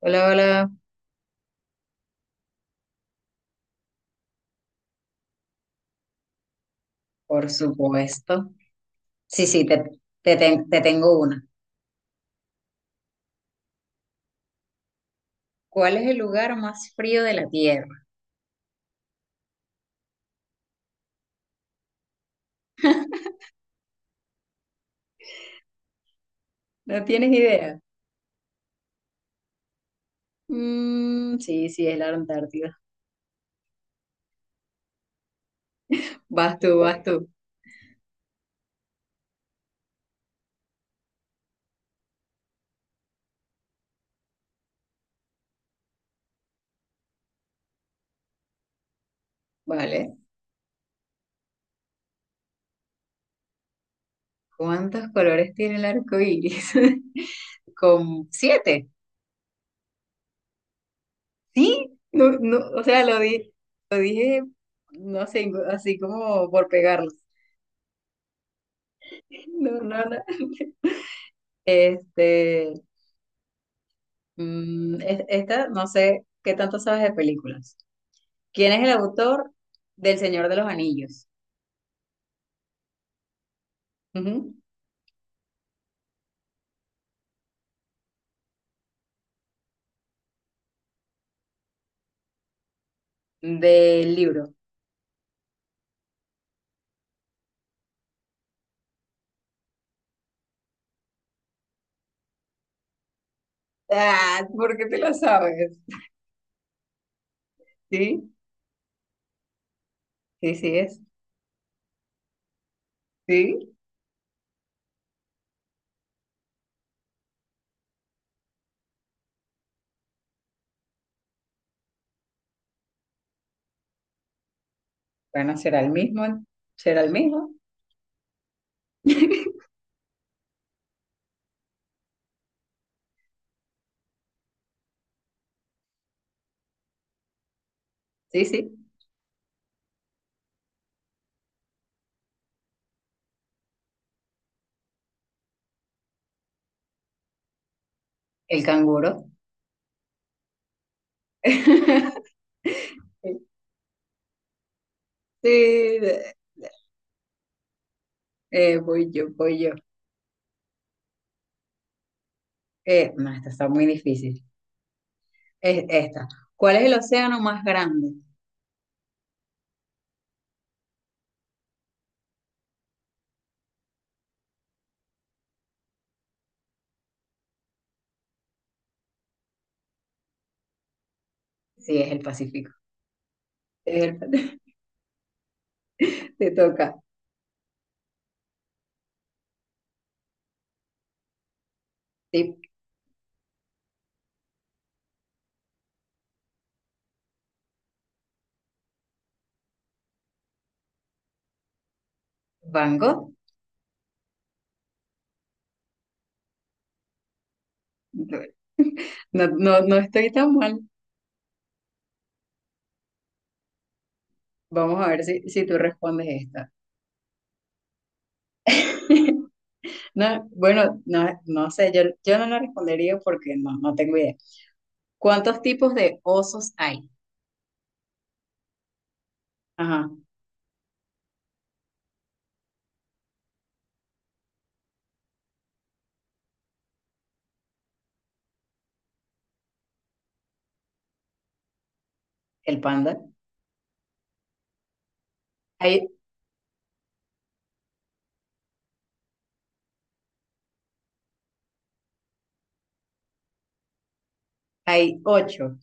Hola, hola, por supuesto. Sí, sí, te, te tengo una. ¿Cuál es el lugar más frío de la Tierra? ¿No tienes idea? Sí, es la Antártida. Vas tú, vas tú. Vale. ¿Cuántos colores tiene el arco iris? Con siete. Sí, no, no, o sea, lo dije, no sé, así como por pegarlos. No, no, no. Este, Esta, no sé qué tanto sabes de películas. ¿Quién es el autor del Señor de los Anillos? Ujú. Del libro. Ah, ¿por qué te lo sabes? Sí, sí es. Sí. Bueno, será el mismo. Será el mismo. Sí, sí. El canguro. Sí, de- voy yo. No, esta está muy difícil. Es esta. ¿Cuál es el océano más grande? Sí, es el Pacífico. Es el- Te toca. Sí, Van Gogh. No, no, no estoy tan mal. Vamos a ver si tú respondes esta. No, bueno, no, no sé, yo no la respondería porque no, no tengo idea. ¿Cuántos tipos de osos hay? Ajá, el panda. Hay, hay ocho.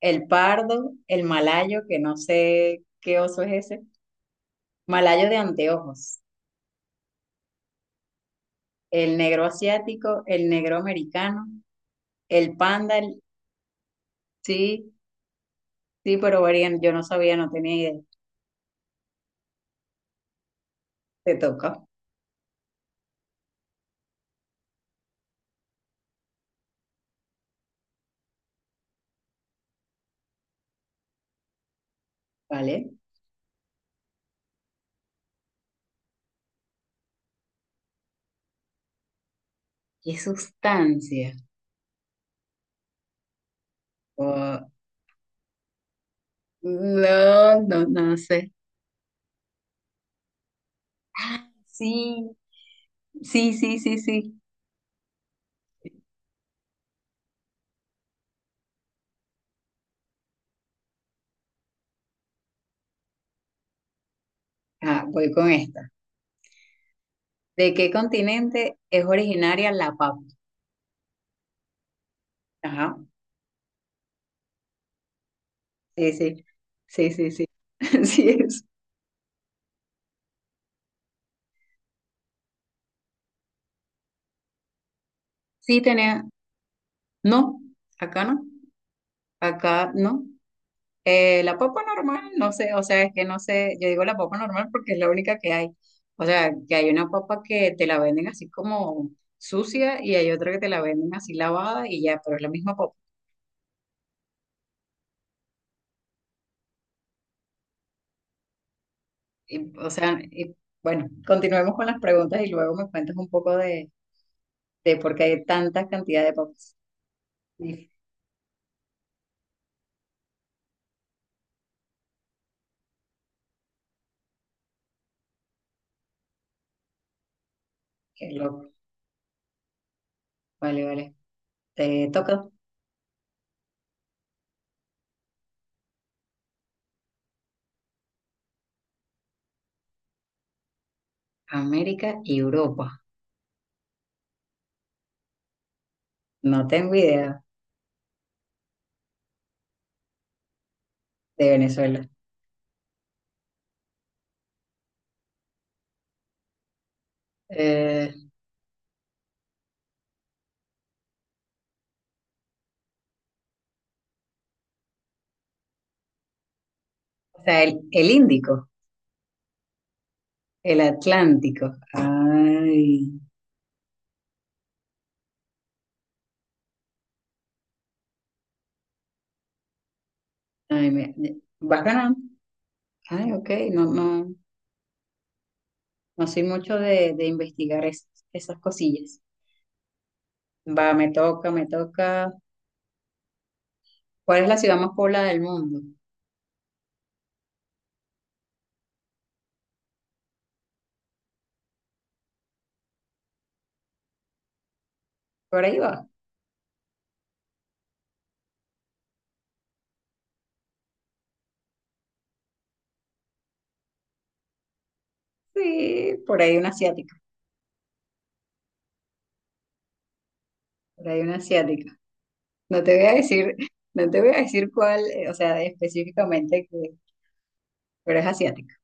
El pardo, el malayo, que no sé qué oso es ese. Malayo de anteojos. El negro asiático, el negro americano, el panda. Sí, sí, pero varían, yo no sabía, no tenía idea. Te toca, ¿vale? ¿Qué sustancia? Oh, no, no, no sé. Ah, sí, sí, sí, sí, sí. Ah, voy con esta. ¿De qué continente es originaria la papa? Ajá, sí, sí, sí, sí, sí. Así es. Sí, tenía. No, acá no, acá no. La papa normal, no sé, o sea, es que no sé, yo digo la papa normal porque es la única que hay. O sea, que hay una papa que te la venden así como sucia y hay otra que te la venden así lavada y ya, pero es la misma papa. Y, o sea, y, bueno, continuemos con las preguntas y luego me cuentas un poco de por qué hay tanta cantidad de papas. Sí, qué loco. Vale, vale. Te toca. América y Europa. No tengo idea. De Venezuela. Eh, o sea, el Índico, el Atlántico. Ay, ay, vas ganando. Ay, ok, no, no, no soy mucho de investigar esas cosillas. Va, me toca, me toca. ¿Cuál es la ciudad más poblada del mundo? Por ahí va. Sí, por ahí una asiática, por ahí una asiática. No te voy a decir, no te voy a decir cuál, o sea, específicamente, que, pero es asiática.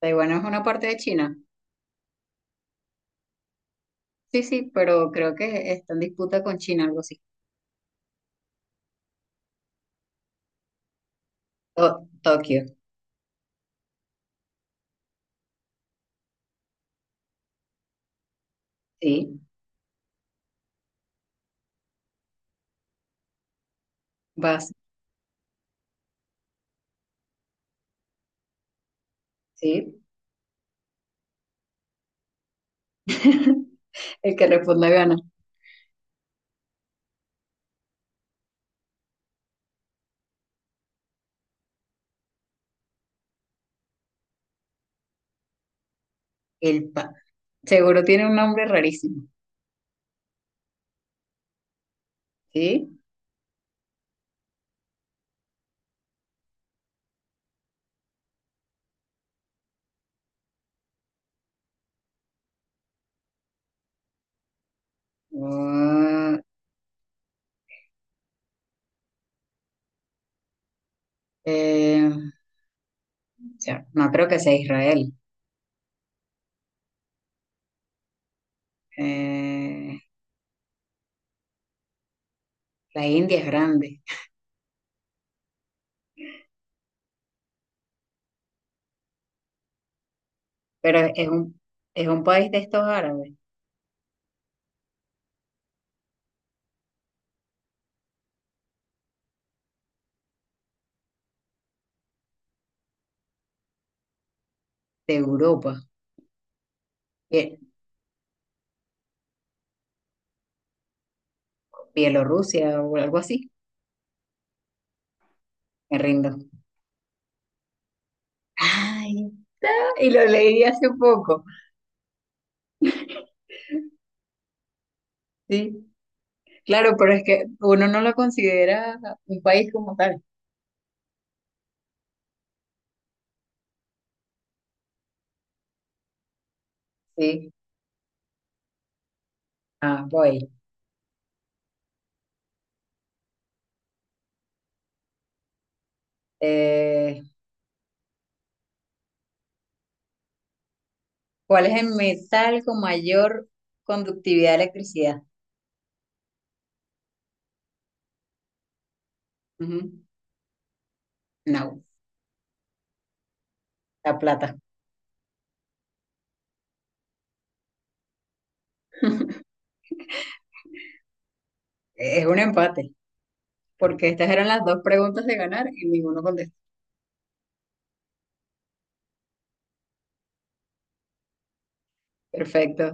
Taiwán es una parte de China. Sí, sí, pero creo que está en disputa con China, algo así. Tokio, sí. Vas, sí. El que responda gana. El pa. Seguro tiene un nombre rarísimo, ¿sí? Ah, o sea, no creo que sea Israel. Eh, la India es grande. Pero es un país de estos árabes, de Europa, Bie- Bielorrusia o algo así, me rindo. Ay, y lo leí hace poco, sí. Claro, pero es que uno no lo considera un país como tal, sí. Ah, voy. Eh, ¿Cuál es el metal con mayor conductividad de electricidad? Ujú. No, la plata. Es un empate, porque estas eran las dos preguntas de ganar y ninguno contestó. Perfecto.